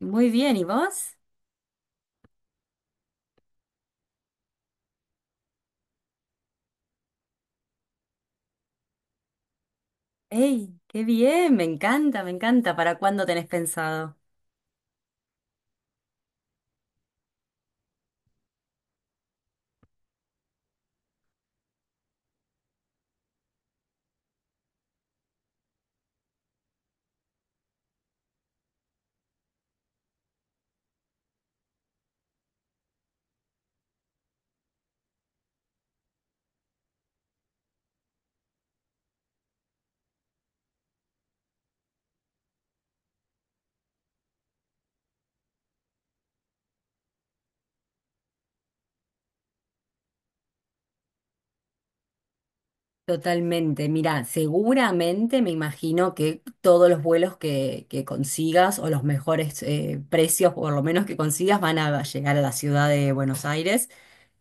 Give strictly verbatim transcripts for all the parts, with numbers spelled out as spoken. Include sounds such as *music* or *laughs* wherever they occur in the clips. Muy bien, ¿y vos? ¡Ey! ¡Qué bien! Me encanta, me encanta. ¿Para cuándo tenés pensado? Totalmente, mira, seguramente me imagino que todos los vuelos que, que consigas o los mejores eh, precios, por lo menos que consigas, van a llegar a la ciudad de Buenos Aires.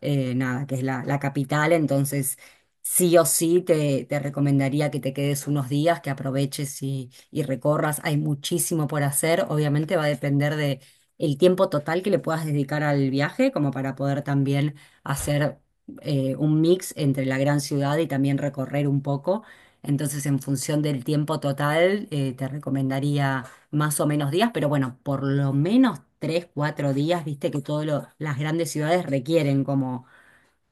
eh, Nada, que es la, la capital, entonces sí o sí te, te recomendaría que te quedes unos días, que aproveches y, y recorras. Hay muchísimo por hacer, obviamente va a depender de el tiempo total que le puedas dedicar al viaje, como para poder también hacer eh, un mix entre la gran ciudad y también recorrer un poco. Entonces, en función del tiempo total, eh, te recomendaría más o menos días, pero bueno, por lo menos tres, cuatro días, viste que todas las grandes ciudades requieren como,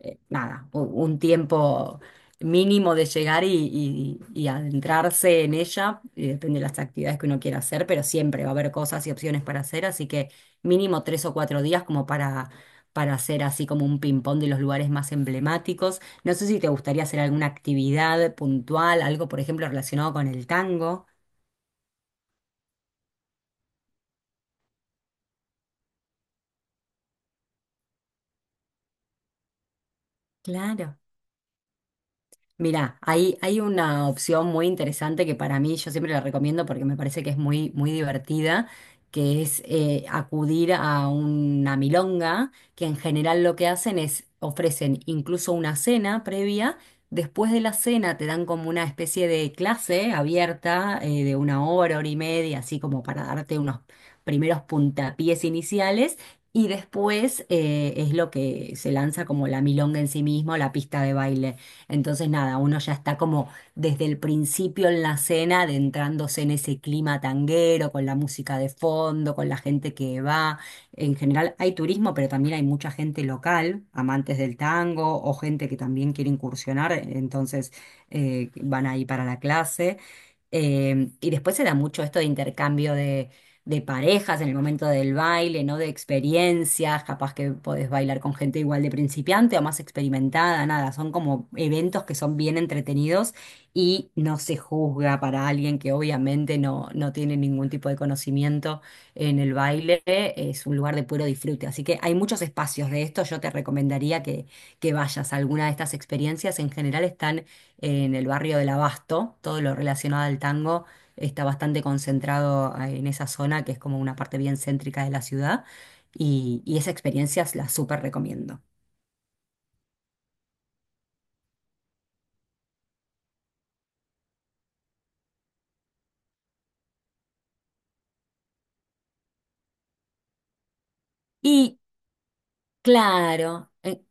eh, nada, u- un tiempo mínimo de llegar y, y- y adentrarse en ella, y depende de las actividades que uno quiera hacer, pero siempre va a haber cosas y opciones para hacer, así que mínimo tres o cuatro días como para... para hacer así como un ping-pong de los lugares más emblemáticos. No sé si te gustaría hacer alguna actividad puntual, algo por ejemplo relacionado con el tango. Claro. Mira, hay, hay una opción muy interesante que para mí yo siempre la recomiendo porque me parece que es muy, muy divertida, que es eh, acudir a una milonga, que en general lo que hacen es ofrecen incluso una cena previa. Después de la cena te dan como una especie de clase abierta eh, de una hora, hora y media, así como para darte unos primeros puntapiés iniciales. Y después eh, es lo que se lanza como la milonga en sí mismo, la pista de baile. Entonces, nada, uno ya está como desde el principio en la cena, adentrándose en ese clima tanguero, con la música de fondo, con la gente que va. En general hay turismo, pero también hay mucha gente local, amantes del tango o gente que también quiere incursionar, entonces eh, van ahí para la clase. Eh, y después se da mucho esto de intercambio de parejas en el momento del baile, ¿no? De experiencias, capaz que podés bailar con gente igual de principiante o más experimentada, nada, son como eventos que son bien entretenidos y no se juzga para alguien que obviamente no, no tiene ningún tipo de conocimiento en el baile, es un lugar de puro disfrute, así que hay muchos espacios de esto, yo te recomendaría que, que vayas a alguna de estas experiencias, en general están en el barrio del Abasto, todo lo relacionado al tango está bastante concentrado ah, en esa zona, que es como una parte bien céntrica de la ciudad, y, y esa experiencia la súper recomiendo. Y claro. en,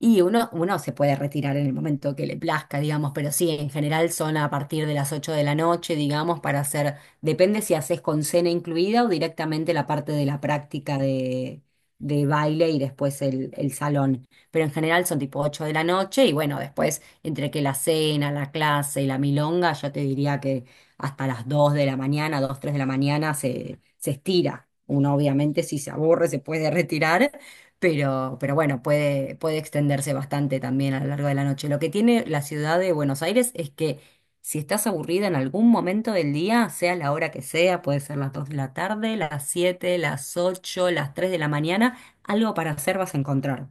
Y uno, uno se puede retirar en el momento que le plazca, digamos, pero sí, en general son a partir de las ocho de la noche, digamos, para hacer, depende si haces con cena incluida o directamente la parte de la práctica de, de baile y después el, el salón. Pero en general son tipo ocho de la noche y bueno, después entre que la cena, la clase y la milonga, yo te diría que hasta las dos de la mañana, dos tres de la mañana se, se estira. Uno obviamente si se aburre se puede retirar pero, pero bueno, puede, puede extenderse bastante también a lo largo de la noche. Lo que tiene la ciudad de Buenos Aires es que si estás aburrida en algún momento del día, sea la hora que sea, puede ser las dos de la tarde, las siete, las ocho, las tres de la mañana, algo para hacer vas a encontrar.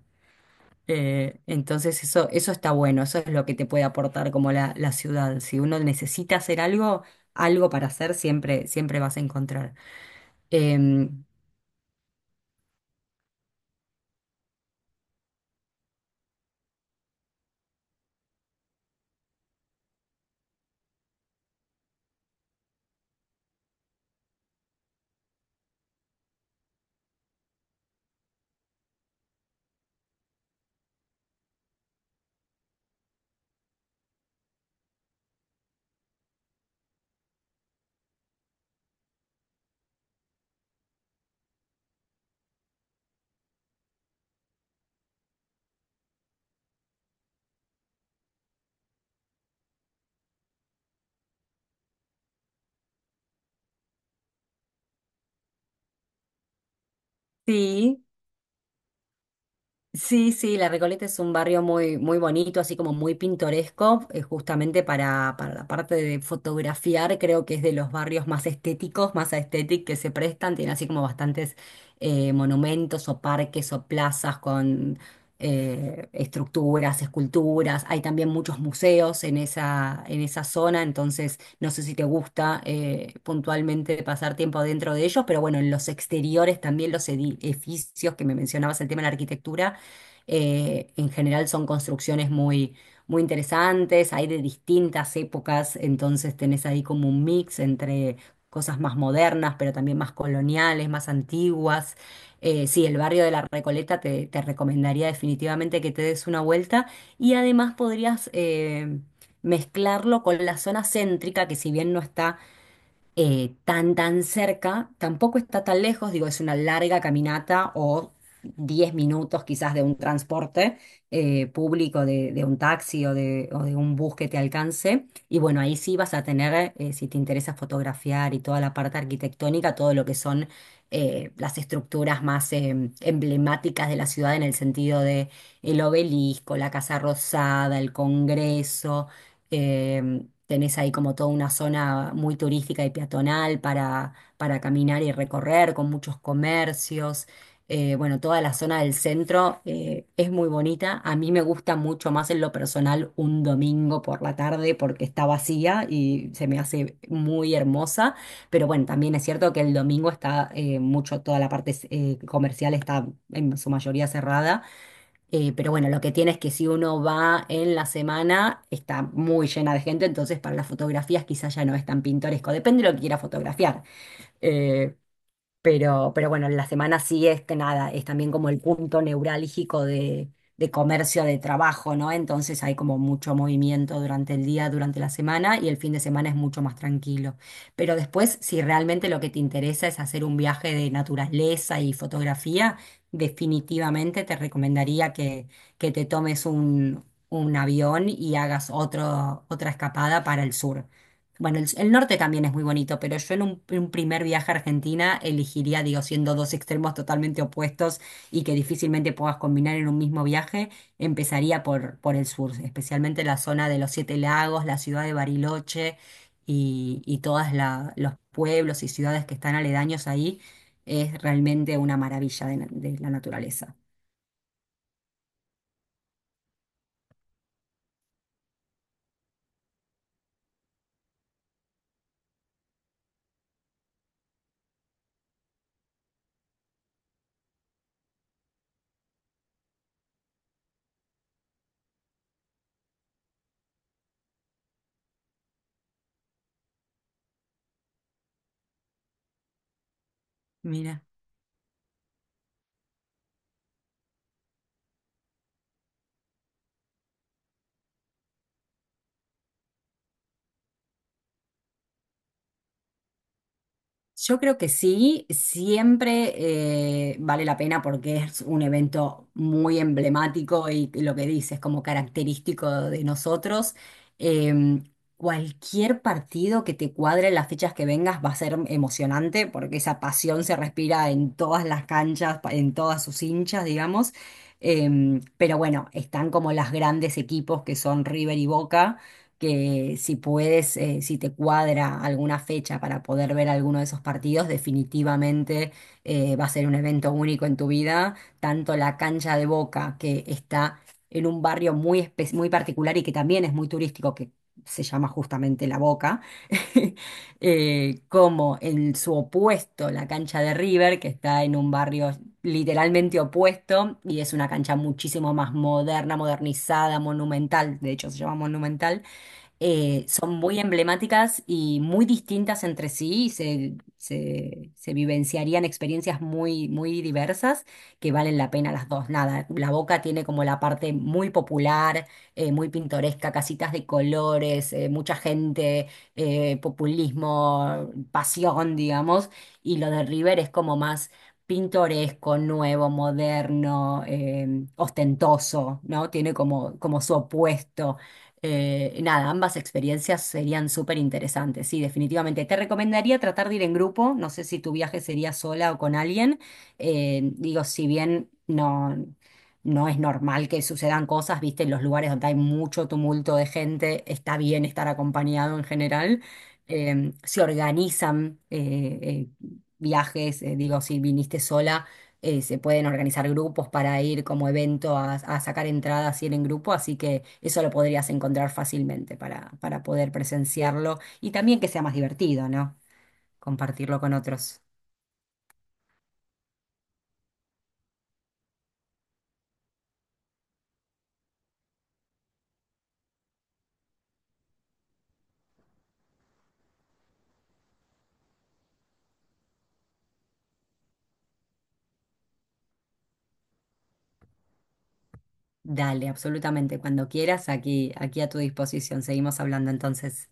Eh, entonces eso, eso está bueno, eso es lo que te puede aportar como la, la ciudad. Si uno necesita hacer algo, algo para hacer siempre, siempre vas a encontrar. Em, Sí, sí, sí, La Recoleta es un barrio muy, muy bonito, así como muy pintoresco, eh, justamente para, para la parte de fotografiar, creo que es de los barrios más estéticos, más estéticos que se prestan, tiene así como bastantes eh, monumentos o parques o plazas con eh, estructuras, esculturas, hay también muchos museos en esa, en esa zona, entonces no sé si te gusta eh, puntualmente pasar tiempo dentro de ellos, pero bueno, en los exteriores también los edificios que me mencionabas, el tema de la arquitectura eh, en general son construcciones muy, muy interesantes, hay de distintas épocas, entonces tenés ahí como un mix entre cosas más modernas, pero también más coloniales, más antiguas. Eh, sí, el barrio de la Recoleta te, te recomendaría definitivamente que te des una vuelta y además podrías eh, mezclarlo con la zona céntrica, que si bien no está eh, tan, tan cerca, tampoco está tan lejos, digo, es una larga caminata o diez minutos quizás de un transporte eh, público, de, de un taxi o de, o de un bus que te alcance. Y bueno, ahí sí vas a tener, eh, si te interesa fotografiar y toda la parte arquitectónica, todo lo que son eh, las estructuras más em, emblemáticas de la ciudad en el sentido de el obelisco, la Casa Rosada, el Congreso. em, Tenés ahí como toda una zona muy turística y peatonal para, para caminar y recorrer, con muchos comercios. Eh, bueno, toda la zona del centro eh, es muy bonita. A mí me gusta mucho más en lo personal un domingo por la tarde porque está vacía y se me hace muy hermosa. Pero bueno, también es cierto que el domingo está eh, mucho, toda la parte eh, comercial está en su mayoría cerrada. Eh, pero bueno, lo que tiene es que si uno va en la semana, está muy llena de gente, entonces para las fotografías quizás ya no es tan pintoresco, depende de lo que quiera fotografiar. Eh, pero, pero bueno, la semana sí es que nada, es también como el punto neurálgico de, de comercio, de trabajo, ¿no? Entonces hay como mucho movimiento durante el día, durante la semana y el fin de semana es mucho más tranquilo. Pero después, si realmente lo que te interesa es hacer un viaje de naturaleza y fotografía, definitivamente te recomendaría que, que te tomes un, un avión y hagas otro, otra escapada para el sur. Bueno, el, el norte también es muy bonito, pero yo en un, un primer viaje a Argentina elegiría, digo, siendo dos extremos totalmente opuestos y que difícilmente puedas combinar en un mismo viaje, empezaría por, por el sur, especialmente la zona de los Siete Lagos, la ciudad de Bariloche y, y todos los pueblos y ciudades que están aledaños ahí. Es realmente una maravilla de na- de la naturaleza. Mira. Yo creo que sí, siempre eh, vale la pena porque es un evento muy emblemático y lo que dices como característico de nosotros. Em, Cualquier partido que te cuadre en las fechas que vengas va a ser emocionante porque esa pasión se respira en todas las canchas, pa- en todas sus hinchas, digamos. Em, pero bueno, están como las grandes equipos que son River y Boca que si puedes, eh, si te cuadra alguna fecha para poder ver alguno de esos partidos, definitivamente eh, va a ser un evento único en tu vida. Tanto la cancha de Boca, que está en un barrio muy, espe- muy particular y que también es muy turístico, que se llama justamente La Boca, *laughs* eh, como en su opuesto, la cancha de River, que está en un barrio literalmente opuesto y es una cancha muchísimo más moderna, modernizada, monumental, de hecho se llama monumental eh, son muy emblemáticas y muy distintas entre sí, y se, se, se vivenciarían experiencias muy, muy diversas que valen la pena las dos. Nada, La Boca tiene como la parte muy popular, eh, muy pintoresca, casitas de colores, eh, mucha gente, eh, populismo, pasión, digamos, y lo de River es como más pintoresco, nuevo, moderno, eh, ostentoso, ¿no? Tiene como, como su opuesto. Eh, y nada, ambas experiencias serían súper interesantes, sí, definitivamente. Te recomendaría tratar de ir en grupo, no sé si tu viaje sería sola o con alguien. Eh, digo, si bien no, no es normal que sucedan cosas, viste, en los lugares donde hay mucho tumulto de gente, está bien estar acompañado en general. Eh, se organizan eh, eh, viajes, eh, digo, si viniste sola eh, se pueden organizar grupos para ir como evento a, a sacar entradas y ir en grupo, así que eso lo podrías encontrar fácilmente para, para poder presenciarlo y también que sea más divertido, ¿no? Compartirlo con otros. Dale, absolutamente, cuando quieras, aquí, aquí a tu disposición. Seguimos hablando entonces.